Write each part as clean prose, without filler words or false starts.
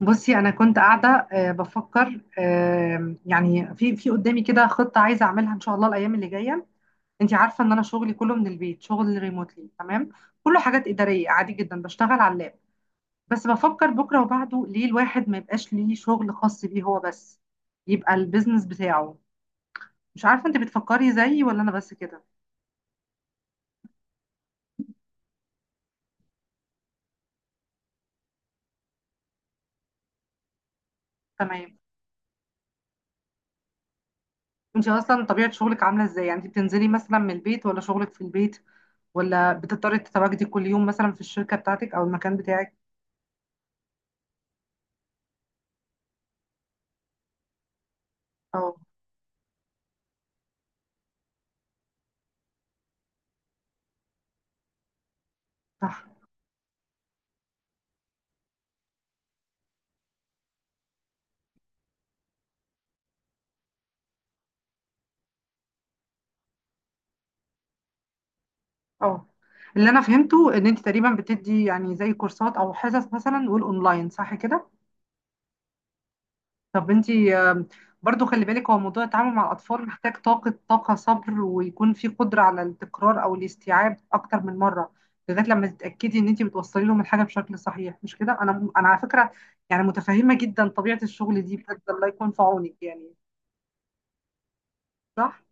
بصي انا كنت قاعده، بفكر، يعني في قدامي كده خطه عايزه اعملها ان شاء الله الايام اللي جايه. انت عارفه ان انا شغلي كله من البيت، شغل ريموتلي، تمام. كله حاجات اداريه عادي جدا، بشتغل على اللاب. بس بفكر بكره وبعده، ليه الواحد ما يبقاش ليه شغل خاص بيه هو بس؟ يبقى البيزنس بتاعه. مش عارفه، انت بتفكري زيي ولا انا بس كده؟ تمام. انت اصلا طبيعه شغلك عامله ازاي؟ يعني انت بتنزلي مثلا من البيت، ولا شغلك في البيت، ولا بتضطري تتواجدي كل يوم مثلا في الشركه بتاعتك او المكان بتاعك؟ صح. اه. اللي انا فهمته ان انت تقريبا بتدي يعني زي كورسات او حصص مثلا والاونلاين، صح كده؟ طب انت، برضو خلي بالك، هو موضوع التعامل مع الاطفال محتاج طاقه، طاقه، صبر، ويكون في قدره على التكرار او الاستيعاب اكتر من مره، لغايه لما تتاكدي ان انت بتوصلي لهم الحاجه بشكل صحيح. مش كده؟ انا على فكره يعني متفهمه جدا طبيعه الشغل دي بجد. الله يكون في عونك يعني. صح.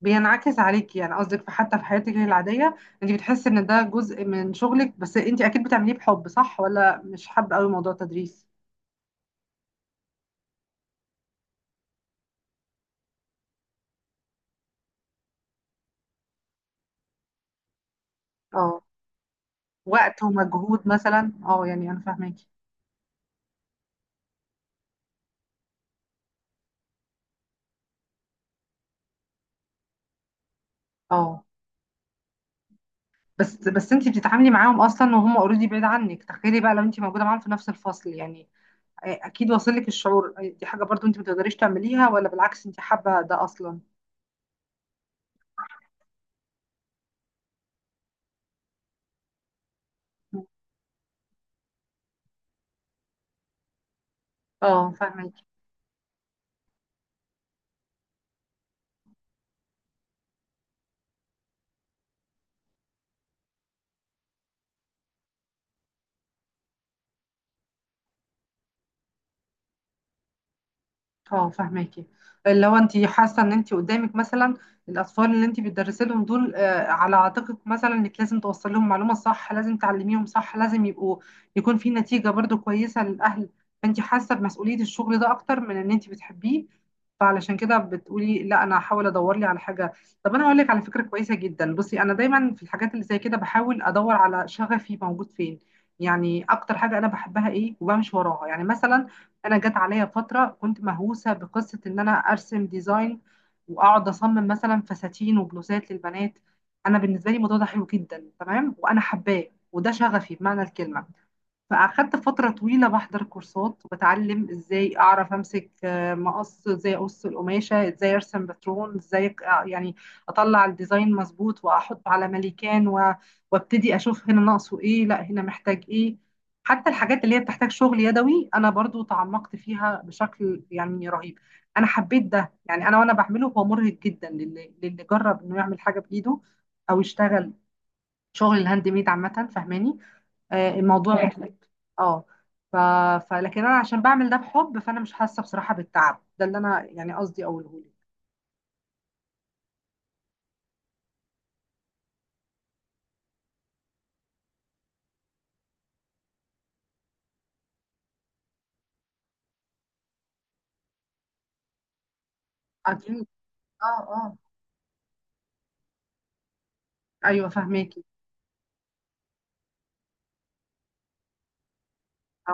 بينعكس عليكي يعني، قصدك في حتى في حياتك العادية انت بتحسي ان ده جزء من شغلك. بس انت اكيد بتعمليه بحب، صح؟ ولا مش حابة قوي موضوع التدريس؟ اه. وقت ومجهود مثلا، اه، يعني انا فاهماكي. اه. بس انت بتتعاملي معاهم اصلا وهم اوريدي بعيد عنك، تخيلي بقى لو انت موجودة معاهم في نفس الفصل يعني. اكيد واصل لك الشعور. دي حاجة برضو انت ما تقدريش تعمليها، ولا بالعكس انت حابة ده اصلا؟ اه فاهمك. اه فهماكي. اللي هو انت حاسه ان انت قدامك مثلا الاطفال اللي انت بتدرسي لهم دول، على عاتقك مثلا انك لازم توصل لهم معلومه صح، لازم تعلميهم صح، لازم يبقوا يكون في نتيجه برضو كويسه للاهل. فانت حاسه بمسؤوليه الشغل ده اكتر من ان انت بتحبيه. فعلشان كده بتقولي لا انا هحاول ادور لي على حاجه. طب انا هقول لك على فكره كويسه جدا. بصي انا دايما في الحاجات اللي زي كده بحاول ادور على شغفي موجود فين. يعني اكتر حاجه انا بحبها ايه وبمشي وراها يعني. مثلا انا جت عليا فتره كنت مهووسه بقصه ان انا ارسم ديزاين، واقعد اصمم مثلا فساتين وبلوزات للبنات. انا بالنسبه لي الموضوع ده حلو جدا، تمام، وانا حباه، وده شغفي بمعنى الكلمه. فأخدت فترة طويلة بحضر كورسات وبتعلم ازاي أعرف أمسك، مقص، ازاي أقص القماشة، ازاي أرسم باترون، ازاي يعني أطلع الديزاين مظبوط، وأحط على مليكان وابتدي أشوف هنا ناقصه ايه، لا هنا محتاج ايه. حتى الحاجات اللي هي بتحتاج شغل يدوي أنا برضو تعمقت فيها بشكل يعني رهيب. أنا حبيت ده يعني. أنا وأنا بعمله هو مرهق جدا، للي جرب إنه يعمل حاجة بإيده، أو يشتغل شغل الهاند ميد عامة، فاهماني؟ الموضوع مختلف. اه. ف... لكن انا عشان بعمل ده بحب، فانا مش حاسه بصراحه بالتعب ده، اللي انا يعني قصدي اقوله لك. اكيد. اه. اه. ايوه فهماكي. اه.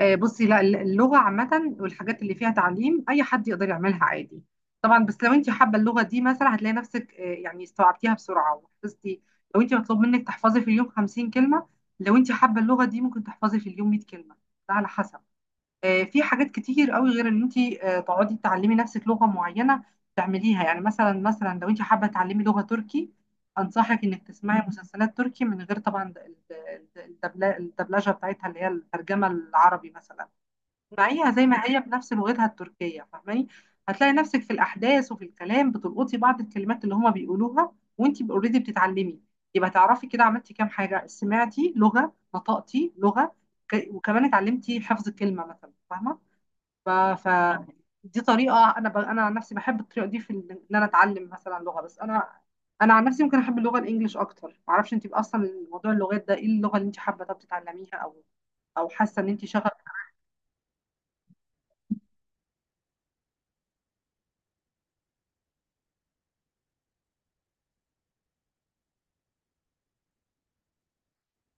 بصي، لا، اللغه عامه والحاجات اللي فيها تعليم اي حد يقدر يعملها عادي طبعا. بس لو انت حابه اللغه دي مثلا هتلاقي نفسك، يعني استوعبتيها بسرعه وحفظتي. لو انت مطلوب منك تحفظي في اليوم 50 كلمه، لو انت حابه اللغه دي ممكن تحفظي في اليوم 100 كلمه. ده على حسب. في حاجات كتير قوي غير ان انت تقعدي تعلمي نفسك لغه معينه. تعمليها يعني، مثلا لو انت حابه تعلمي لغه تركي، انصحك انك تسمعي مسلسلات تركي من غير طبعا الدبلجه بتاعتها اللي هي الترجمه العربي مثلا. اسمعيها زي ما هي بنفس لغتها التركيه، فاهماني؟ هتلاقي نفسك في الاحداث وفي الكلام بتلقطي بعض الكلمات اللي هما بيقولوها، وانت اوريدي بتتعلمي. يبقى تعرفي كده عملتي كام حاجه: سمعتي لغه، نطقتي لغه، وكمان اتعلمتي حفظ كلمه مثلا، فاهمه؟ ف... ف دي طريقه انا انا عن نفسي بحب الطريقه دي في ان انا اتعلم مثلا لغه. بس انا عن نفسي ممكن احب اللغه الانجليش اكتر. ما اعرفش انت اصلا موضوع اللغات ده ايه، اللغه اللي انت حابه طب تتعلميها، او او حاسه ان انت شغف؟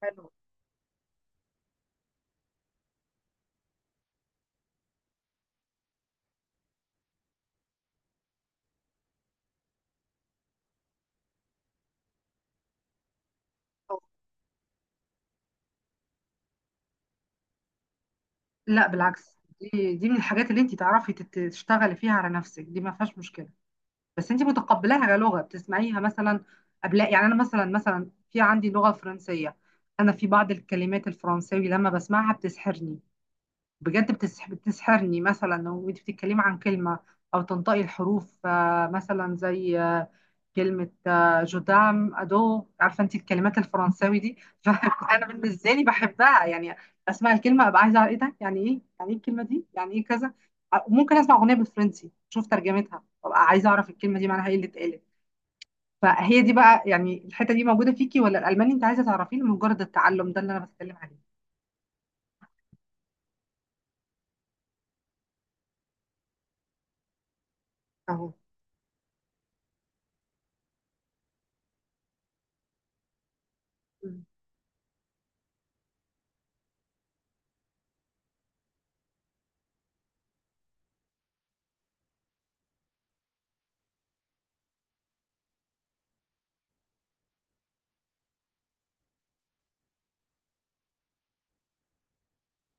حلو. لا بالعكس، دي من الحاجات اللي انت تعرفي تشتغلي فيها على نفسك، دي ما فيهاش مشكله. بس انت متقبلاها كلغه بتسمعيها مثلا قبل؟ يعني انا مثلا في عندي لغه فرنسيه، انا في بعض الكلمات الفرنساوي لما بسمعها بتسحرني، بجد بتسحرني مثلا. وانت بتتكلمي عن كلمة او تنطقي الحروف، مثلا زي، كلمة، جودام ادو، عارفة انت الكلمات الفرنساوي دي؟ فانا بالنسبة لي بحبها يعني. اسمع الكلمة ابقى عايزة أعرف ايه ده، يعني ايه، يعني ايه الكلمة دي، يعني ايه كذا. ممكن اسمع اغنية بالفرنسي، اشوف ترجمتها، وابقى عايزة اعرف الكلمة دي معناها ايه اللي اتقالت. فهي دي بقى، يعني الحتة دي موجودة فيكي، ولا الالماني انت عايزة تعرفيه لمجرد التعلم؟ ده اللي انا بتكلم عليه. اهو. مم.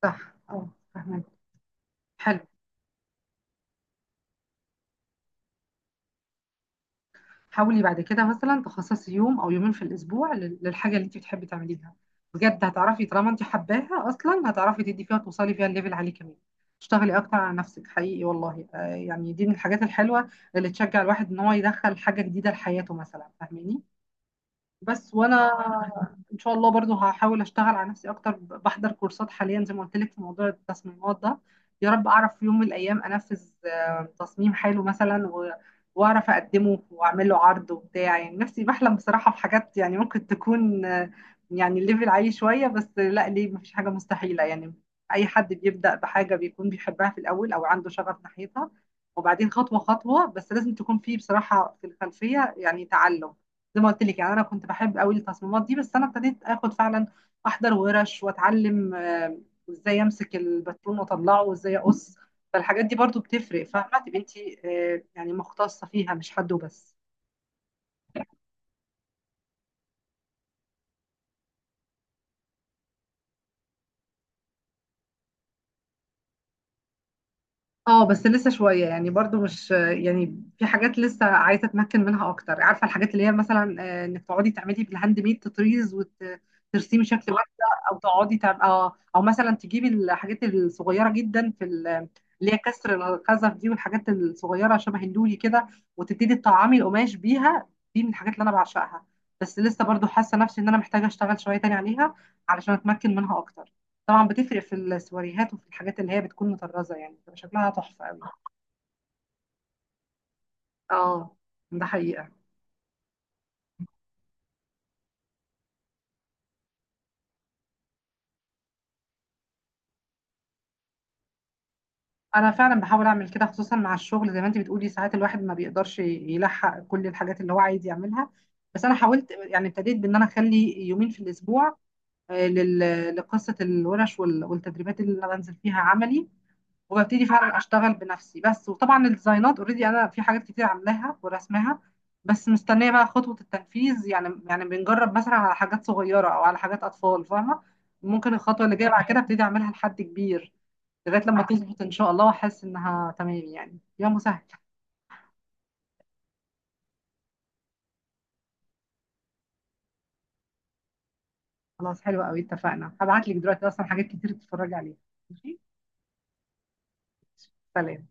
صح اه فاهمة. حلو. حاولي بعد كده مثلا تخصصي يوم او يومين في الاسبوع للحاجه اللي انت بتحبي تعمليها. بجد هتعرفي، طالما انت حباها اصلا هتعرفي تدي فيها وتوصلي فيها الليفل عالي كمان. اشتغلي اكتر على نفسك حقيقي والله، يعني دي من الحاجات الحلوه اللي تشجع الواحد ان هو يدخل حاجه جديده لحياته مثلا، فاهماني؟ بس وانا ان شاء الله برضو هحاول اشتغل على نفسي اكتر، بحضر كورسات حاليا زي ما قلت لك في موضوع التصميمات ده. يا رب اعرف في يوم من الايام انفذ، تصميم حلو مثلا، واعرف اقدمه واعمل له عرض وبتاع. يعني نفسي بحلم بصراحة في حاجات يعني ممكن تكون، يعني الليفل عالي شوية، بس لا، ليه؟ مفيش حاجة مستحيلة يعني. اي حد بيبدأ بحاجة بيكون بيحبها في الاول او عنده شغف ناحيتها، وبعدين خطوة خطوة. بس لازم تكون فيه بصراحة في الخلفية يعني تعلم. زي ما قلت لك، يعني انا كنت بحب قوي التصميمات دي، بس انا ابتديت اخد فعلا احضر ورش، واتعلم، ازاي امسك الباترون واطلعه، وازاي اقص. فالحاجات دي برضو بتفرق، فاهمه؟ تبقي انت يعني مختصه فيها، مش حد وبس. اه بس لسه شوية، يعني برضو، مش يعني، في حاجات لسه عايزة اتمكن منها اكتر. عارفة الحاجات اللي هي مثلا، انك تقعدي تعملي بالهاند ميد تطريز وترسمي شكل واحدة، او اه، او مثلا تجيبي الحاجات الصغيرة جدا في اللي هي كسر الخزف دي، والحاجات الصغيرة شبه النولي كده، وتبتدي تطعمي القماش بيها. دي من الحاجات اللي انا بعشقها، بس لسه برضو حاسة نفسي ان انا محتاجة اشتغل شوية تاني عليها علشان اتمكن منها اكتر. طبعا بتفرق في السواريهات وفي الحاجات اللي هي بتكون مطرزه، يعني بتبقى شكلها تحفه قوي. اه ده حقيقه. انا فعلا بحاول اعمل كده، خصوصا مع الشغل زي ما انت بتقولي، ساعات الواحد ما بيقدرش يلحق كل الحاجات اللي هو عايز يعملها. بس انا حاولت، يعني ابتديت بان انا اخلي يومين في الاسبوع، لقصه الورش والتدريبات اللي انا بنزل فيها عملي، وببتدي فعلا اشتغل بنفسي بس. وطبعا الديزاينات اوريدي انا في حاجات كتير عاملاها ورسمها، بس مستنيه بقى خطوه التنفيذ. يعني يعني بنجرب مثلا على حاجات صغيره او على حاجات اطفال، فاهمه؟ ممكن الخطوه اللي جايه بعد كده ابتدي اعملها لحد كبير، لغايه لما تظبط ان شاء الله واحس انها تمام، يعني يا مسهل. خلاص حلو قوي، اتفقنا. هبعت لك دلوقتي اصلا حاجات كتير تتفرجي عليها. ماشي. سلام.